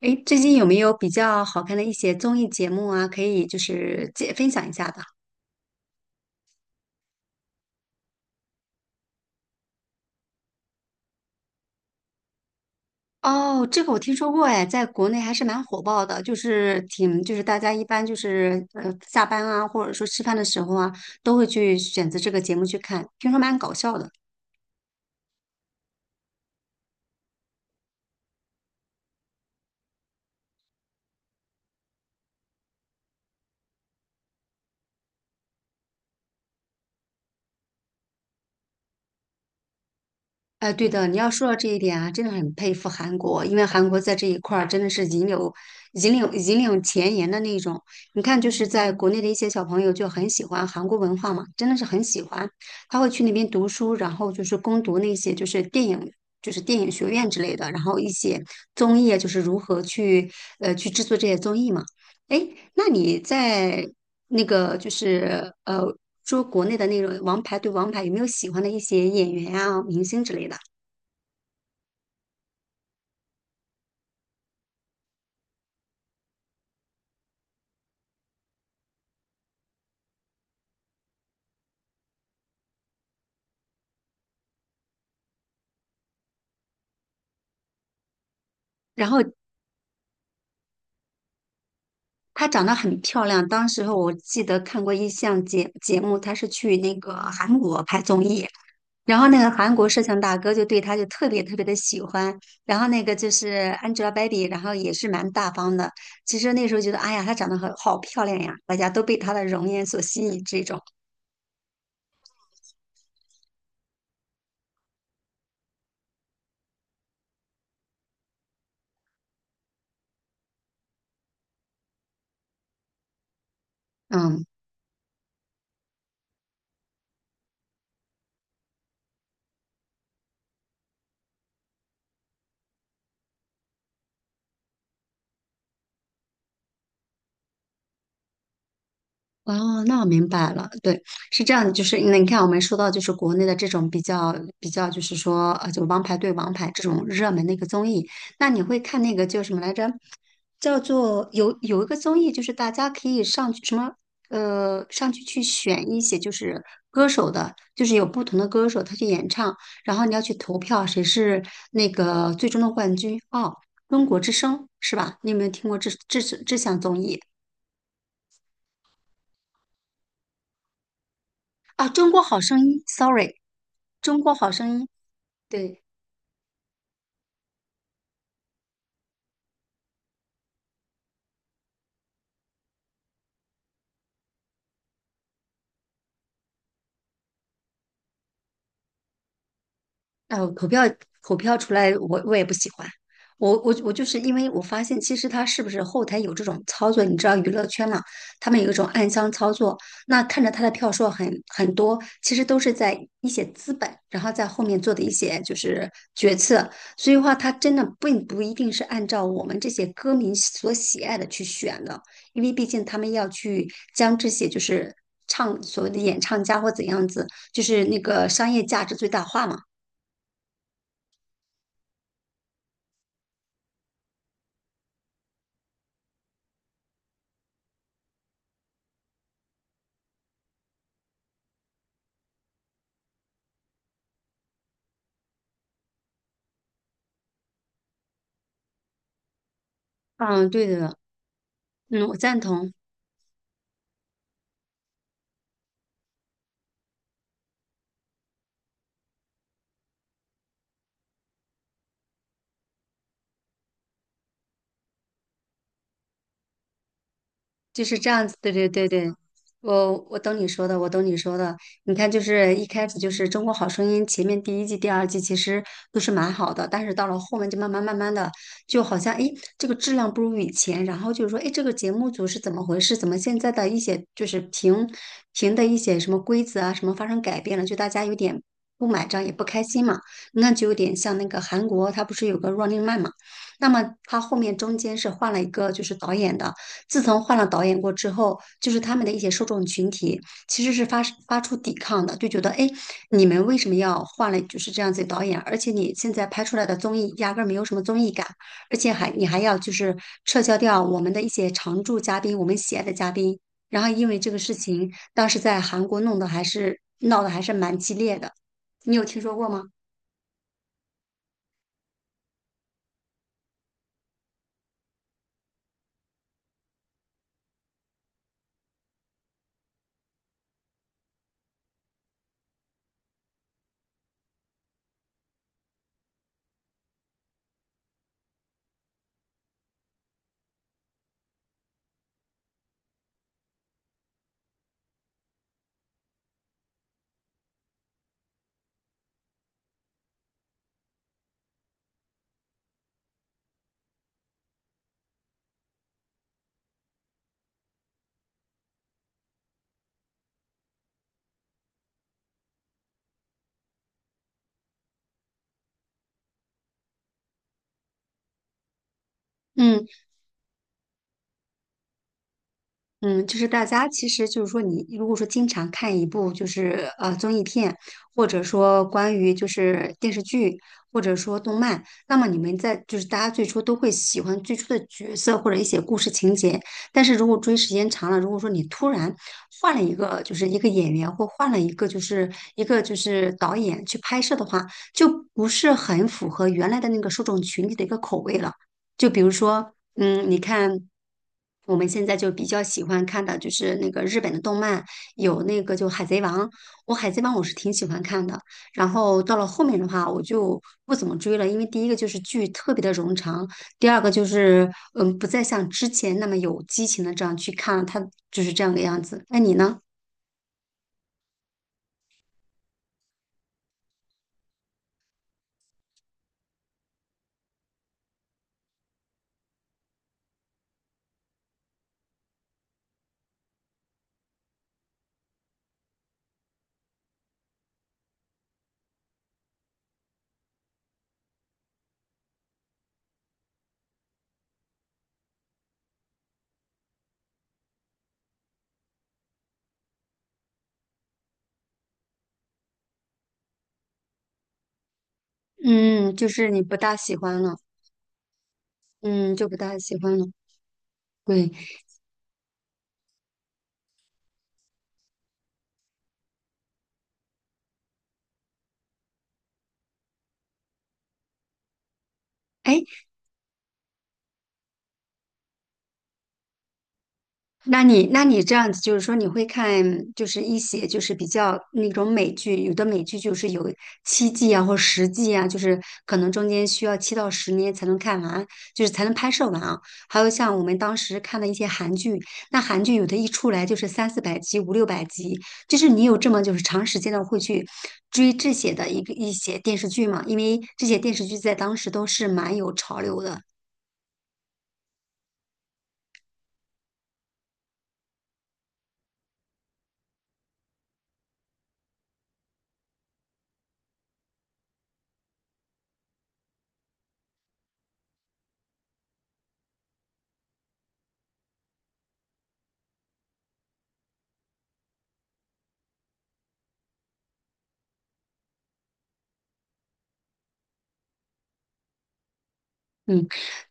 哎，最近有没有比较好看的一些综艺节目啊？可以就是分享一下的。哦，这个我听说过，哎，在国内还是蛮火爆的，就是就是大家一般就是下班啊，或者说吃饭的时候啊，都会去选择这个节目去看，听说蛮搞笑的。哎，对的，你要说到这一点啊，真的很佩服韩国，因为韩国在这一块儿真的是引领前沿的那种。你看，就是在国内的一些小朋友就很喜欢韩国文化嘛，真的是很喜欢，他会去那边读书，然后就是攻读那些就是电影。就是电影学院之类的，然后一些综艺啊，就是如何去制作这些综艺嘛。哎，那你在那个就是说国内的那种王牌对王牌，有没有喜欢的一些演员啊、明星之类的？然后她长得很漂亮，当时候我记得看过一项节目，她是去那个韩国拍综艺，然后那个韩国摄像大哥就对她就特别特别的喜欢，然后那个就是 Angelababy,然后也是蛮大方的。其实那时候觉得，哎呀，她长得很好漂亮呀，大家都被她的容颜所吸引，这种，嗯。哦，那我明白了，对，是这样的，就是你看，我们说到就是国内的这种比较,就是说就王牌对王牌这种热门的一个综艺，那你会看那个叫什么来着？叫做有一个综艺，就是大家可以上去选一些就是歌手的，就是有不同的歌手他去演唱，然后你要去投票谁是那个最终的冠军哦，中国之声是吧？你有没有听过这项综艺？啊，《中国好声音》，sorry,《中国好声音》对，啊，口票出来我也不喜欢。我就是因为我发现，其实他是不是后台有这种操作？你知道娱乐圈嘛，他们有一种暗箱操作。那看着他的票数很多，其实都是在一些资本，然后在后面做的一些就是决策。所以话，他真的并不一定是按照我们这些歌迷所喜爱的去选的，因为毕竟他们要去将这些就是唱所谓的演唱家或怎样子，就是那个商业价值最大化嘛。嗯，对的，嗯，我赞同。就是这样子，对对对对，我懂你说的，我懂你说的。你看，就是一开始就是《中国好声音》前面第一季、第二季其实都是蛮好的，但是到了后面就慢慢慢慢的，就好像诶这个质量不如以前，然后就是说诶这个节目组是怎么回事？怎么现在的一些就是评的一些什么规则啊什么发生改变了？就大家有点不买账也不开心嘛，那就有点像那个韩国，它不是有个 Running Man 嘛？那么它后面中间是换了一个就是导演的。自从换了导演过之后，就是他们的一些受众群体其实是发出抵抗的，就觉得哎，你们为什么要换了就是这样子的导演？而且你现在拍出来的综艺压根儿没有什么综艺感，而且还你还要就是撤销掉我们的一些常驻嘉宾，我们喜爱的嘉宾。然后因为这个事情，当时在韩国弄得还是闹得还是蛮激烈的，你有听说过吗？嗯，嗯，就是大家其实就是说你，如果说经常看一部就是综艺片，或者说关于就是电视剧，或者说动漫，那么你们在就是大家最初都会喜欢最初的角色或者一些故事情节，但是如果追时间长了，如果说你突然换了一个就是一个演员或换了一个就是一个就是导演去拍摄的话，就不是很符合原来的那个受众群体的一个口味了。就比如说，你看，我们现在就比较喜欢看的就是那个日本的动漫，有那个就《海贼王》，我《海贼王》我是挺喜欢看的。然后到了后面的话，我就不怎么追了，因为第一个就是剧特别的冗长，第二个就是不再像之前那么有激情的这样去看了，它就是这样的样子。那你呢？嗯，就是你不大喜欢了，嗯，就不大喜欢了。对，哎，那你这样子，就是说你会看，就是一些就是比较那种美剧，有的美剧就是有7季啊或10季啊，就是可能中间需要7到10年才能看完，就是才能拍摄完啊。还有像我们当时看的一些韩剧，那韩剧有的一出来就是三四百集、五六百集，就是你有这么就是长时间的会去追这些的一些电视剧嘛？因为这些电视剧在当时都是蛮有潮流的，嗯，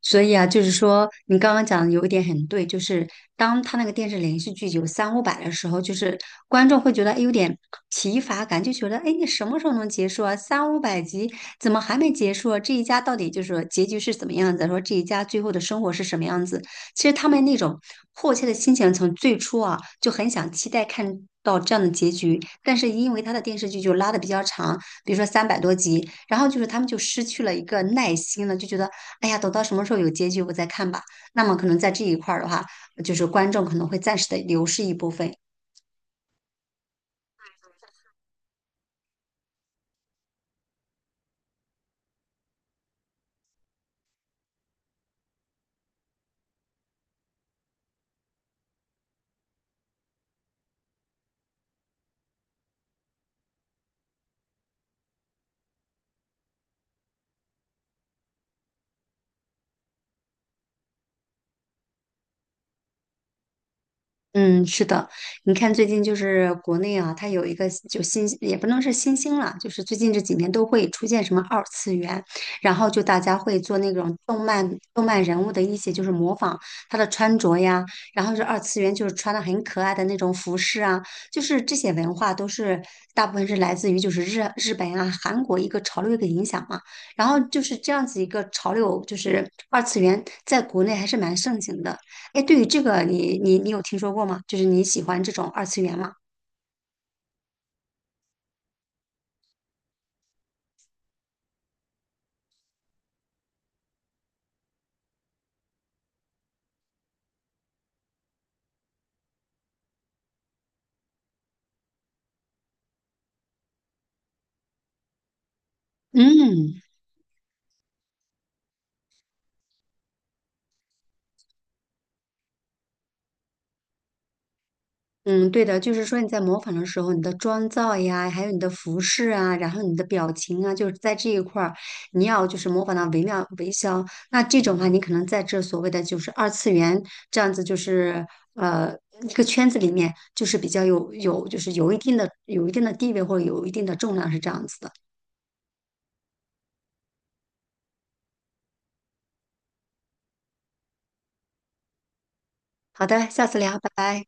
所以啊，就是说你刚刚讲的有一点很对，就是当他那个电视连续剧有三五百的时候，就是观众会觉得哎有点疲乏感，就觉得哎你什么时候能结束啊？三五百集怎么还没结束啊？这一家到底就是说结局是怎么样子？说这一家最后的生活是什么样子？其实他们那种迫切的心情，从最初啊就很想期待看到这样的结局，但是因为他的电视剧就拉的比较长，比如说300多集，然后就是他们就失去了一个耐心了，就觉得哎呀，等到什么时候有结局我再看吧。那么可能在这一块儿的话，就是观众可能会暂时的流失一部分，嗯，是的，你看最近就是国内啊，它有一个就新，也不能是新兴了，就是最近这几年都会出现什么二次元，然后就大家会做那种动漫人物的一些就是模仿他的穿着呀，然后是二次元就是穿的很可爱的那种服饰啊，就是这些文化都是大部分是来自于就是日本啊、韩国一个潮流一个影响嘛，然后就是这样子一个潮流，就是二次元在国内还是蛮盛行的。哎，对于这个你，你有听说过吗？就是你喜欢这种二次元吗？嗯嗯，对的，就是说你在模仿的时候，你的妆造呀，还有你的服饰啊，然后你的表情啊，就是在这一块儿，你要就是模仿到惟妙惟肖。那这种的话，你可能在这所谓的就是二次元这样子，就是呃一个圈子里面，就是比较有就是有一定的地位或者有一定的重量是这样子的。好的，下次聊，拜拜。